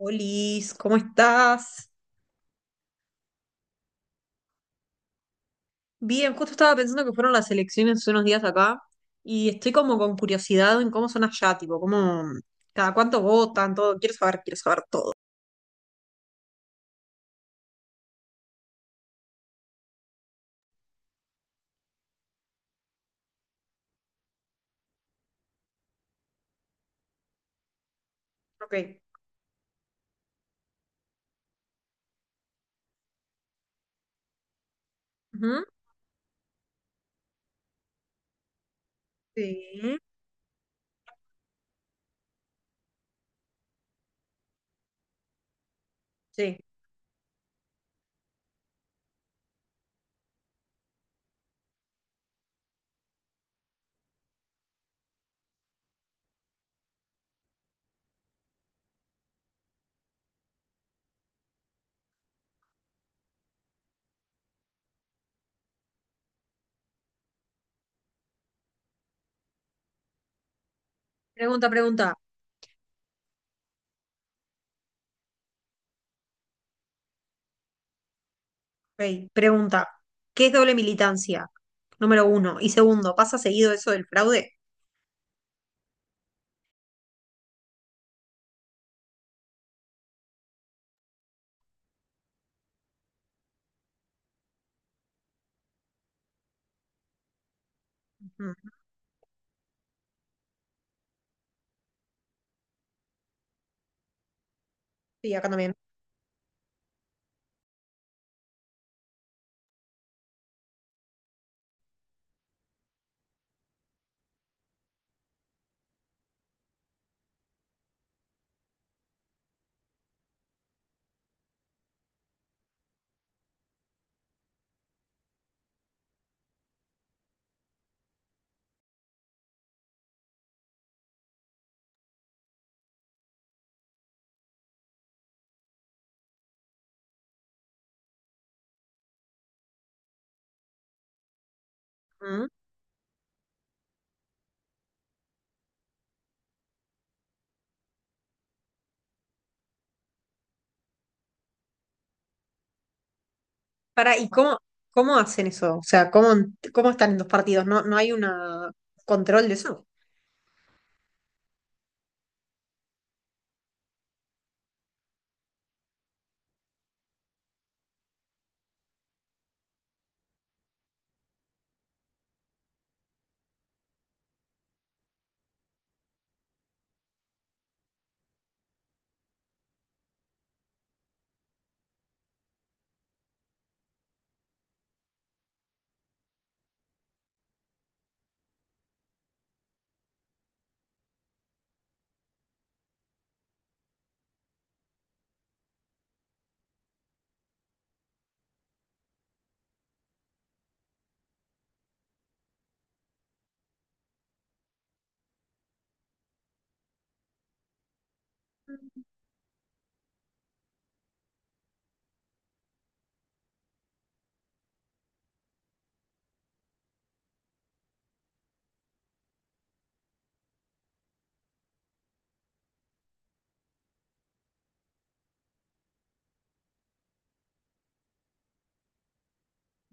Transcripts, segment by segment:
Olis, ¿cómo estás? Bien, justo estaba pensando que fueron las elecciones hace unos días acá y estoy como con curiosidad en cómo son allá, tipo, cómo, cada cuánto votan, todo. Quiero saber todo. Ok. Ujú. Sí. Sí. Pregunta. Ok. Pregunta. ¿Qué es doble militancia? Número uno. Y segundo, ¿pasa seguido eso del fraude? Ujú. Sí, acá también. Ujú. Para, ¿y cómo, cómo hacen eso? O sea, ¿cómo, cómo están en dos partidos? ¿No, no hay un control de eso?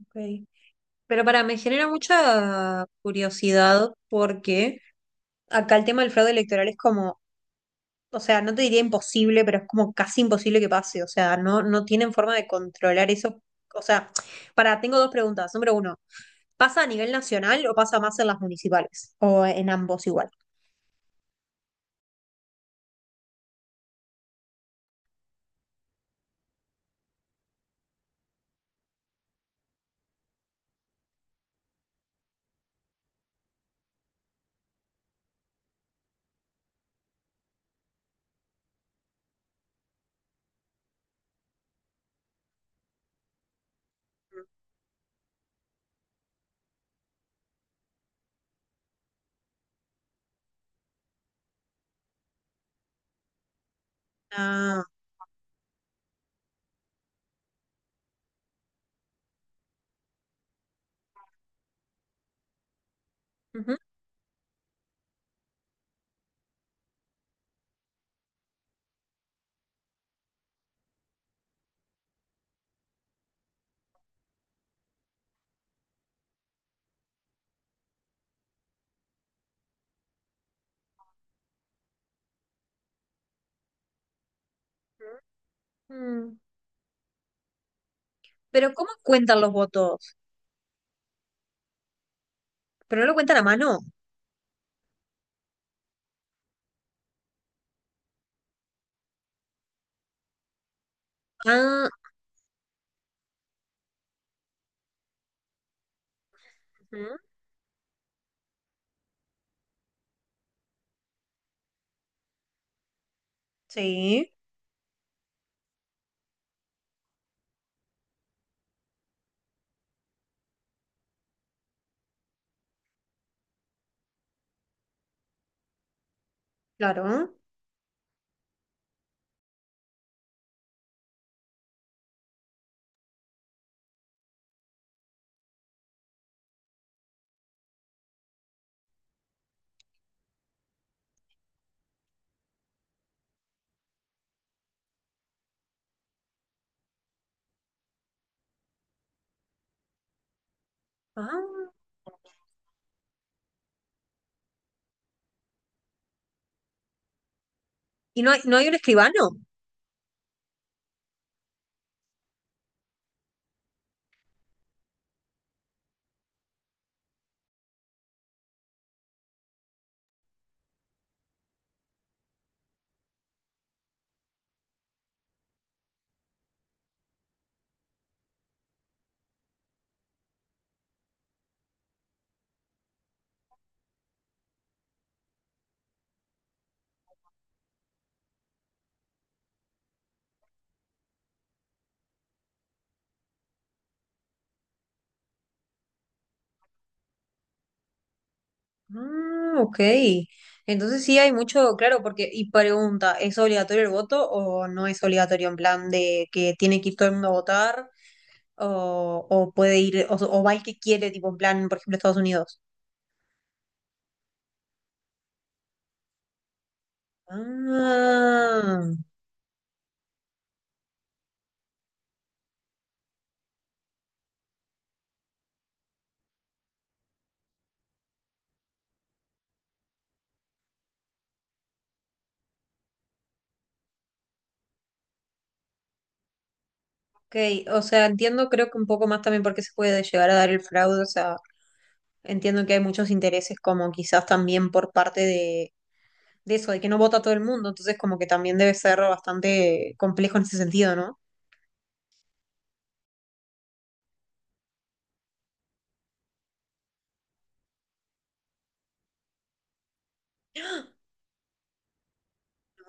Ok. Pero para, me genera mucha curiosidad porque acá el tema del fraude electoral es como, o sea, no te diría imposible, pero es como casi imposible que pase. O sea, no, no tienen forma de controlar eso. O sea, para, tengo dos preguntas. Número uno, ¿pasa a nivel nacional o pasa más en las municipales? ¿O en ambos igual? Ah, ujú. Mm. Pero ¿cómo cuentan los votos? Pero no lo cuentan a mano. Ah, ujú. Sí, claro. Ah. ¿Y no hay, no hay un escribano? Ah, ok. Entonces sí hay mucho, claro, porque, y pregunta, ¿es obligatorio el voto o no es obligatorio en plan de que tiene que ir todo el mundo a votar o puede ir, o va el que quiere, tipo en plan, por ejemplo, Estados Unidos? Ah, ok. O sea, entiendo creo que un poco más también por qué se puede llegar a dar el fraude, o sea, entiendo que hay muchos intereses como quizás también por parte de eso, de que no vota todo el mundo, entonces como que también debe ser bastante complejo en ese sentido, ¿no?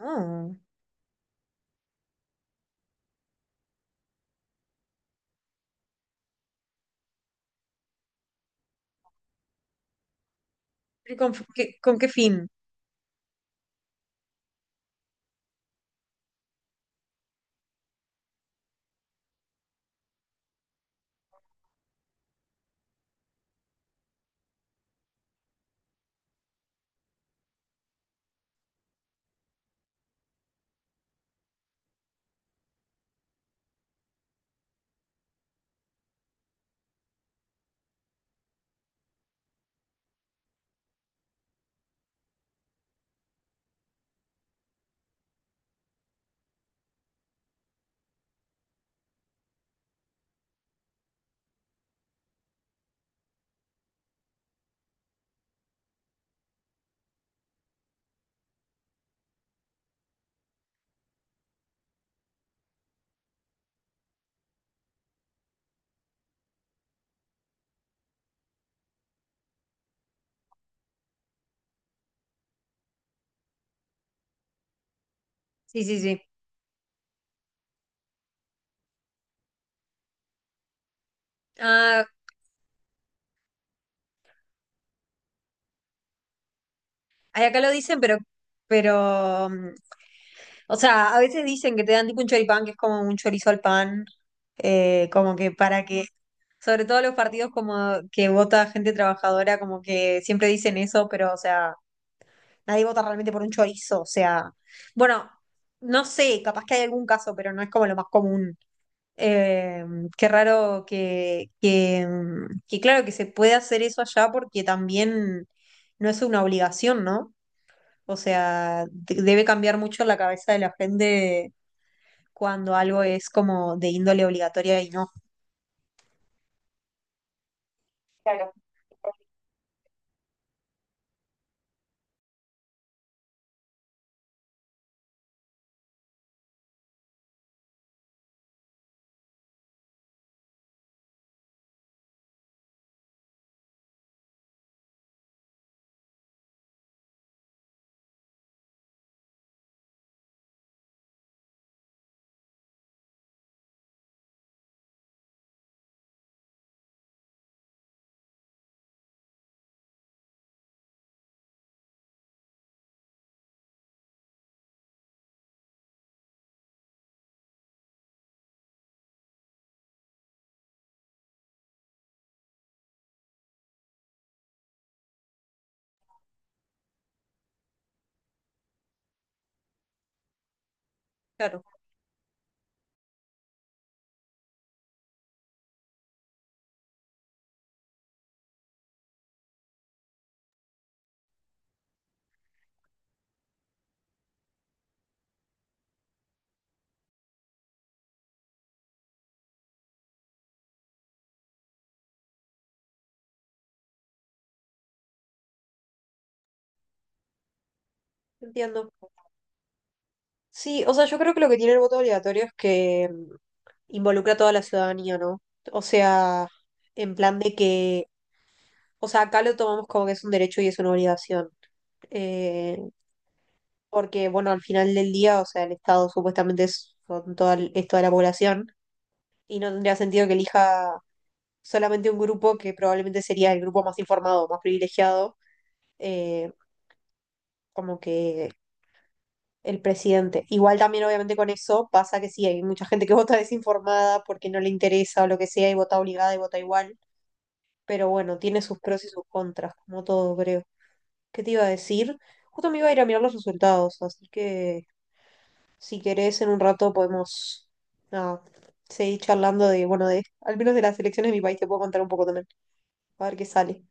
No. ¿Pero con, qué, con qué fin? Sí, sí, sí. Ah, ay, acá lo dicen, pero, o sea, a veces dicen que te dan tipo un choripán, que es como un chorizo al pan, como que para que, sobre todo los partidos como que vota gente trabajadora, como que siempre dicen eso, pero, o sea, nadie vota realmente por un chorizo, o sea, bueno, no sé, capaz que hay algún caso, pero no es como lo más común. Eh, qué raro que, que, claro, que se puede hacer eso allá porque también no es una obligación, ¿no? O sea, debe cambiar mucho la cabeza de la gente cuando algo es como de índole obligatoria y no. Claro, claro, entiendo. Sí, o sea, yo creo que lo que tiene el voto obligatorio es que involucra a toda la ciudadanía, ¿no? O sea, en plan de que, o sea, acá lo tomamos como que es un derecho y es una obligación. Eh, porque, bueno, al final del día, o sea, el Estado supuestamente es, son toda, es toda la población y no tendría sentido que elija solamente un grupo que probablemente sería el grupo más informado, más privilegiado, eh, como que el presidente. Igual también, obviamente, con eso pasa que sí, hay mucha gente que vota desinformada porque no le interesa o lo que sea y vota obligada y vota igual, pero bueno, tiene sus pros y sus contras, como todo, creo. ¿Qué te iba a decir? Justo me iba a ir a mirar los resultados, así que... Si querés, en un rato podemos nada, seguir charlando de, bueno, de, al menos de las elecciones de mi país, te puedo contar un poco también, a ver qué sale.